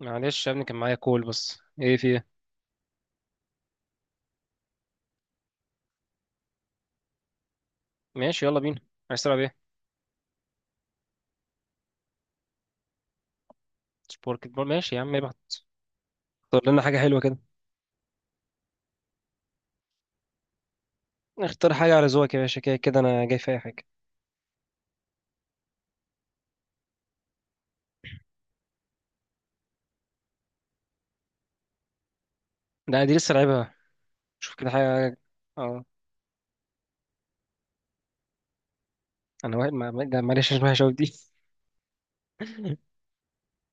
معلش يا ابني، كان معايا كول. بس ايه، في ايه؟ ماشي، يلا بينا. عايز تلعب ايه؟ سبورت بول، ماشي يا عم، ابعت. اختار لنا حاجه حلوه كده. اختار حاجه على ذوقك يا باشا، كده كده انا جاي في اي حاجه. لا، دي لسه لعبها. شوف كده حاجه. اه. انا واحد ده، معلش مش وحشه أوي دي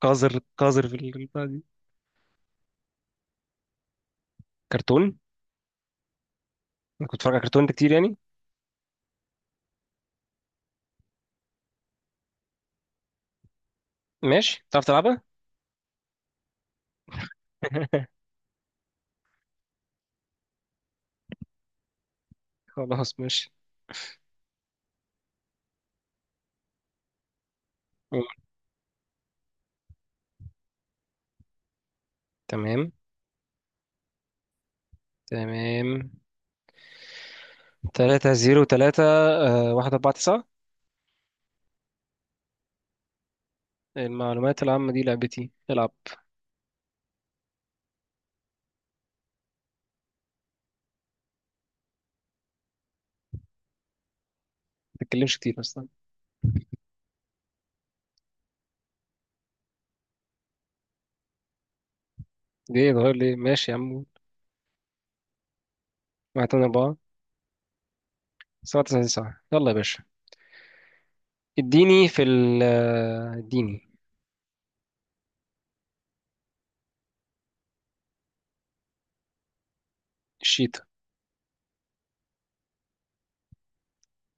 قذر قذر في البتاع دي. كرتون. انا كنت بتفرج على كرتون ده كتير يعني. ماشي، تعرف تلعبها؟ خلاص، ماشي. تمام. تمام. تلاتة زيرو تلاتة، واحد أربعة تسعة. المعلومات العامة دي لعبتي، العب. ما تتكلمش كتير بس. ليه اتغير؟ ليه؟ ماشي يا عم. واحد تمانية أربعة. سبعة تسعة تسعة، يلا يا باشا. اديني في ال آه، اديني. الشتاء.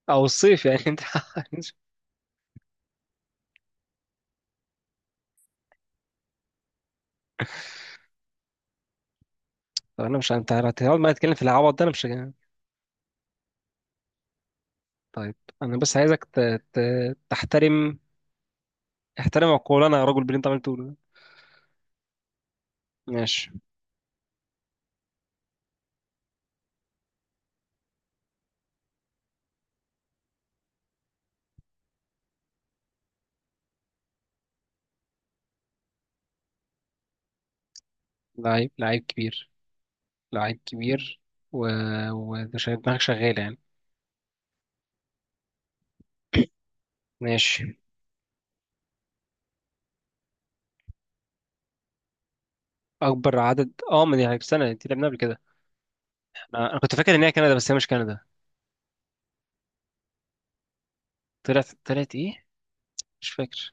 أو الصيف يعني أنت! طب أنا مش، أنت هتقعد معايا تتكلم في العبط ده، أنا مش جاي. طيب، أنا بس عايزك ت... تحترم. احترم عقولنا يا راجل باللي أنت عمال تقوله ده. ماشي. لعيب لعيب كبير. لعيب كبير. و ومش دماغك شغالة يعني؟ ماشي. أكبر عدد، ما دي سنة أنت لعبناها قبل كده. أنا كنت فاكر إن هي كندا، بس هي مش كندا. طلعت إيه؟ مش فاكر.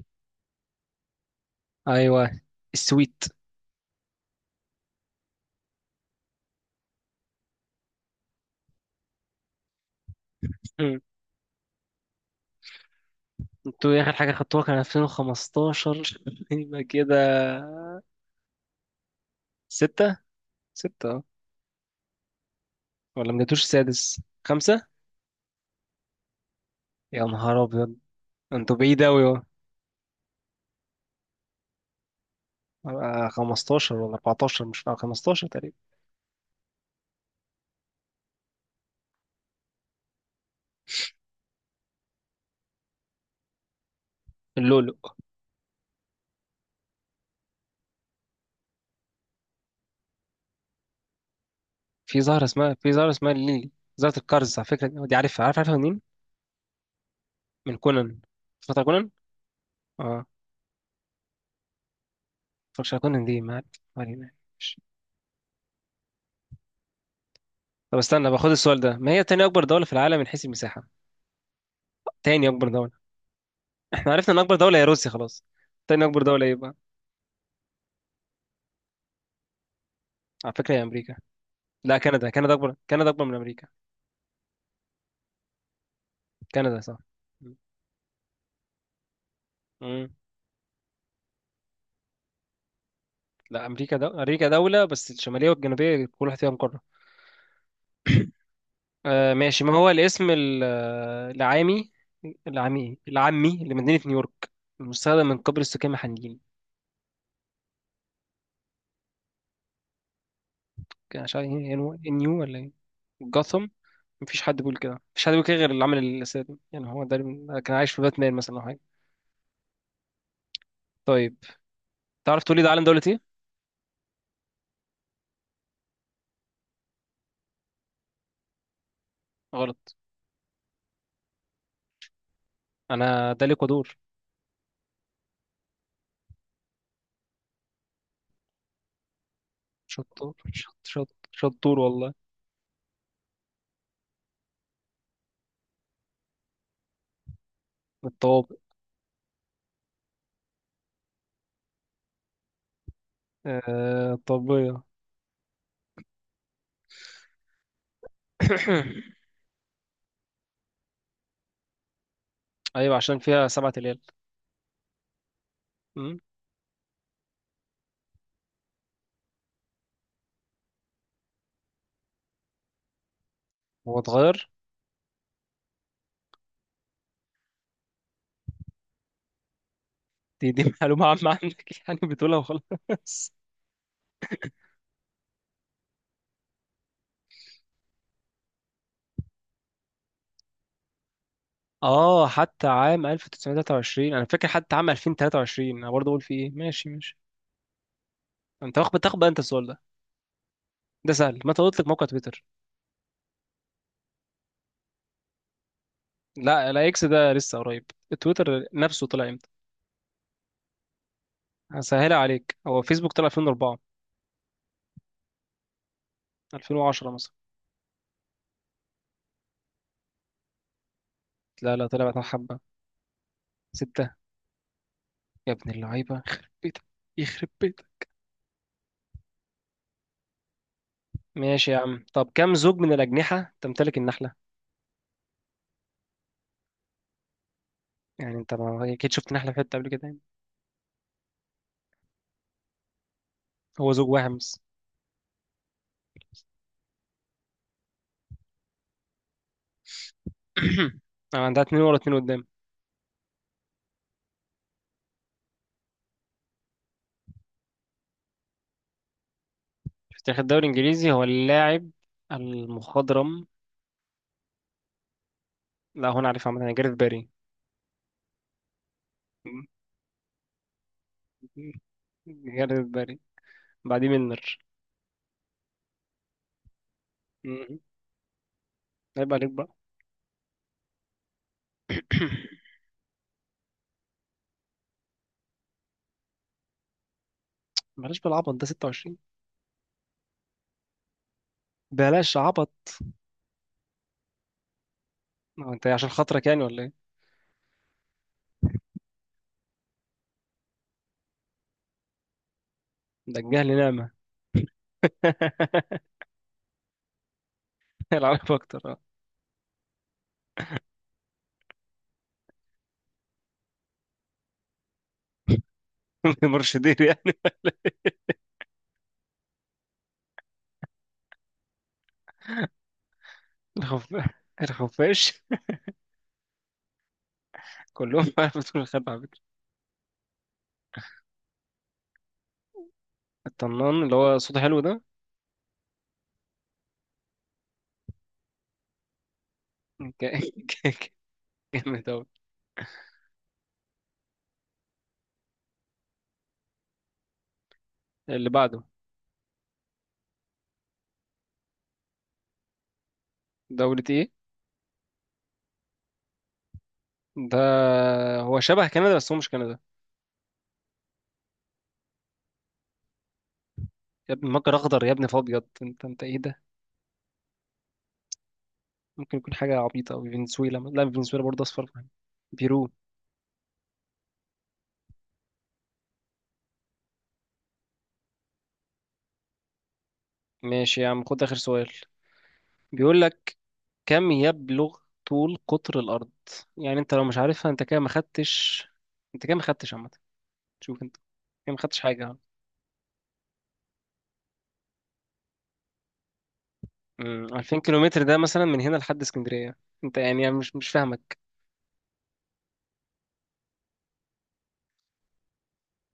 ايوه، السويت. مم. انتوا ايه اخر حاجه خدتوها؟ كان 2015 يبقى كده. ستة. ستة، اه. ولا مجبتوش السادس؟ خمسة؟ يا نهار ابيض. انتوا بعيد اوي. اه، 15 ولا 14، مش فاهم، 15 تقريبا. اللولو. في زهرة اسمها الليلي. زهرة القرز على فكرة دي عارفها، عارفها منين؟ من كونان. فترة كونان؟ اه. متفرجش على كونان دي، ما عارف. ما علينا. ماشي. طب استنى، باخد السؤال ده. ما هي تاني أكبر دولة في العالم من حيث المساحة؟ تاني أكبر. احنا عرفنا ان اكبر دولة هي روسيا خلاص. تاني اكبر دولة ايه بقى؟ على فكرة هي امريكا. لا، كندا، كندا اكبر، كندا اكبر من امريكا. كندا صح. امم. لا، امريكا دولة، بس الشمالية والجنوبية كل واحد فيها مقرة. آه ماشي. ما هو الاسم العامي العامي لمدينة نيويورك المستخدم من قبل السكان المحليين؟ كان مش عارف ايه، نيو نيو ولا ايه؟ جاثم. مفيش حد بيقول كده، مفيش حد بيقول كده غير اللي عمل الاسد يعني. هو ده كان عايش في باتمان مثلا او حاجة. طيب. تعرف تقول لي ده علم دولة ايه؟ غلط. انا ده ليكودور. شطور، شط شط شطور والله. الطوابق. آه، الطبية. ايوه، عشان فيها سبعة ليال. أمم. هو اتغير. دي معلومة عامة عندك، يعني بتقولها وخلاص. اه، حتى عام 1923 انا فاكر، حتى عام 2023 انا برضه اقول في ايه، ماشي ماشي. انت بتاخد بقى انت السؤال ده. ده سهل، متى اطلق موقع تويتر؟ لا لا، اكس ده لسه قريب. تويتر نفسه طلع امتى؟ هسهلها عليك، هو فيسبوك طلع 2004. 2010 مثلا؟ لا لا، طلع بعد حبة. ستة. يا ابن اللعيبة، يخرب بيتك. يخرب بيتك. ماشي يا عم. طب كم زوج من الأجنحة تمتلك النحلة؟ يعني أنت، ما أكيد شفت نحلة في حتة قبل كده يعني. هو زوج واحد بس. أو عندها اتنين ورا اتنين قدام. في تاريخ الدوري الإنجليزي، هو اللاعب المخضرم. لا، هو أنا عارف عامة، أنا جاريث باري. جاريث باري. بعديه ميلنر. م- عيب عليك بقى. بلاش بالعبط ده، 26. بلاش عبط. هو أنت عشان خاطرك يعني ولا إيه؟ ده الجهل نعمة. العب أكتر آه. مرشدين يعني. الخف... الخفاش. كلهم معايا في دور الخلف على فكرة. الطنان اللي هو صوته حلو ده. ك- ك- جامد أوي. اللي بعده. دولة ايه؟ ده، هو شبه كندا بس هو مش كندا. يا ابني مجر أخضر يا ابني، فأبيض، انت ايه ده؟ ممكن يكون حاجة عبيطة أوي، فنزويلا، لا فنزويلا برضه أصفر. بيرو. ماشي يا عم، خد آخر سؤال. بيقول لك، كم يبلغ طول قطر الأرض؟ يعني انت لو مش عارفها انت كده ما خدتش. انت كده ما خدتش عامة. شوف انت. كده ما خدتش حاجة. 2000 كيلومتر، ده مثلا من هنا لحد اسكندريه. انت يعني، أنا مش فاهمك.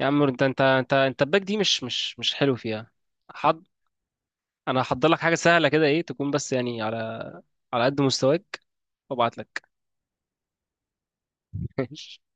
يا عم، انت الباك دي مش حلو فيها. حض انا هحضر لك حاجه سهله كده، ايه تكون بس يعني، على قد مستواك. وابعت لك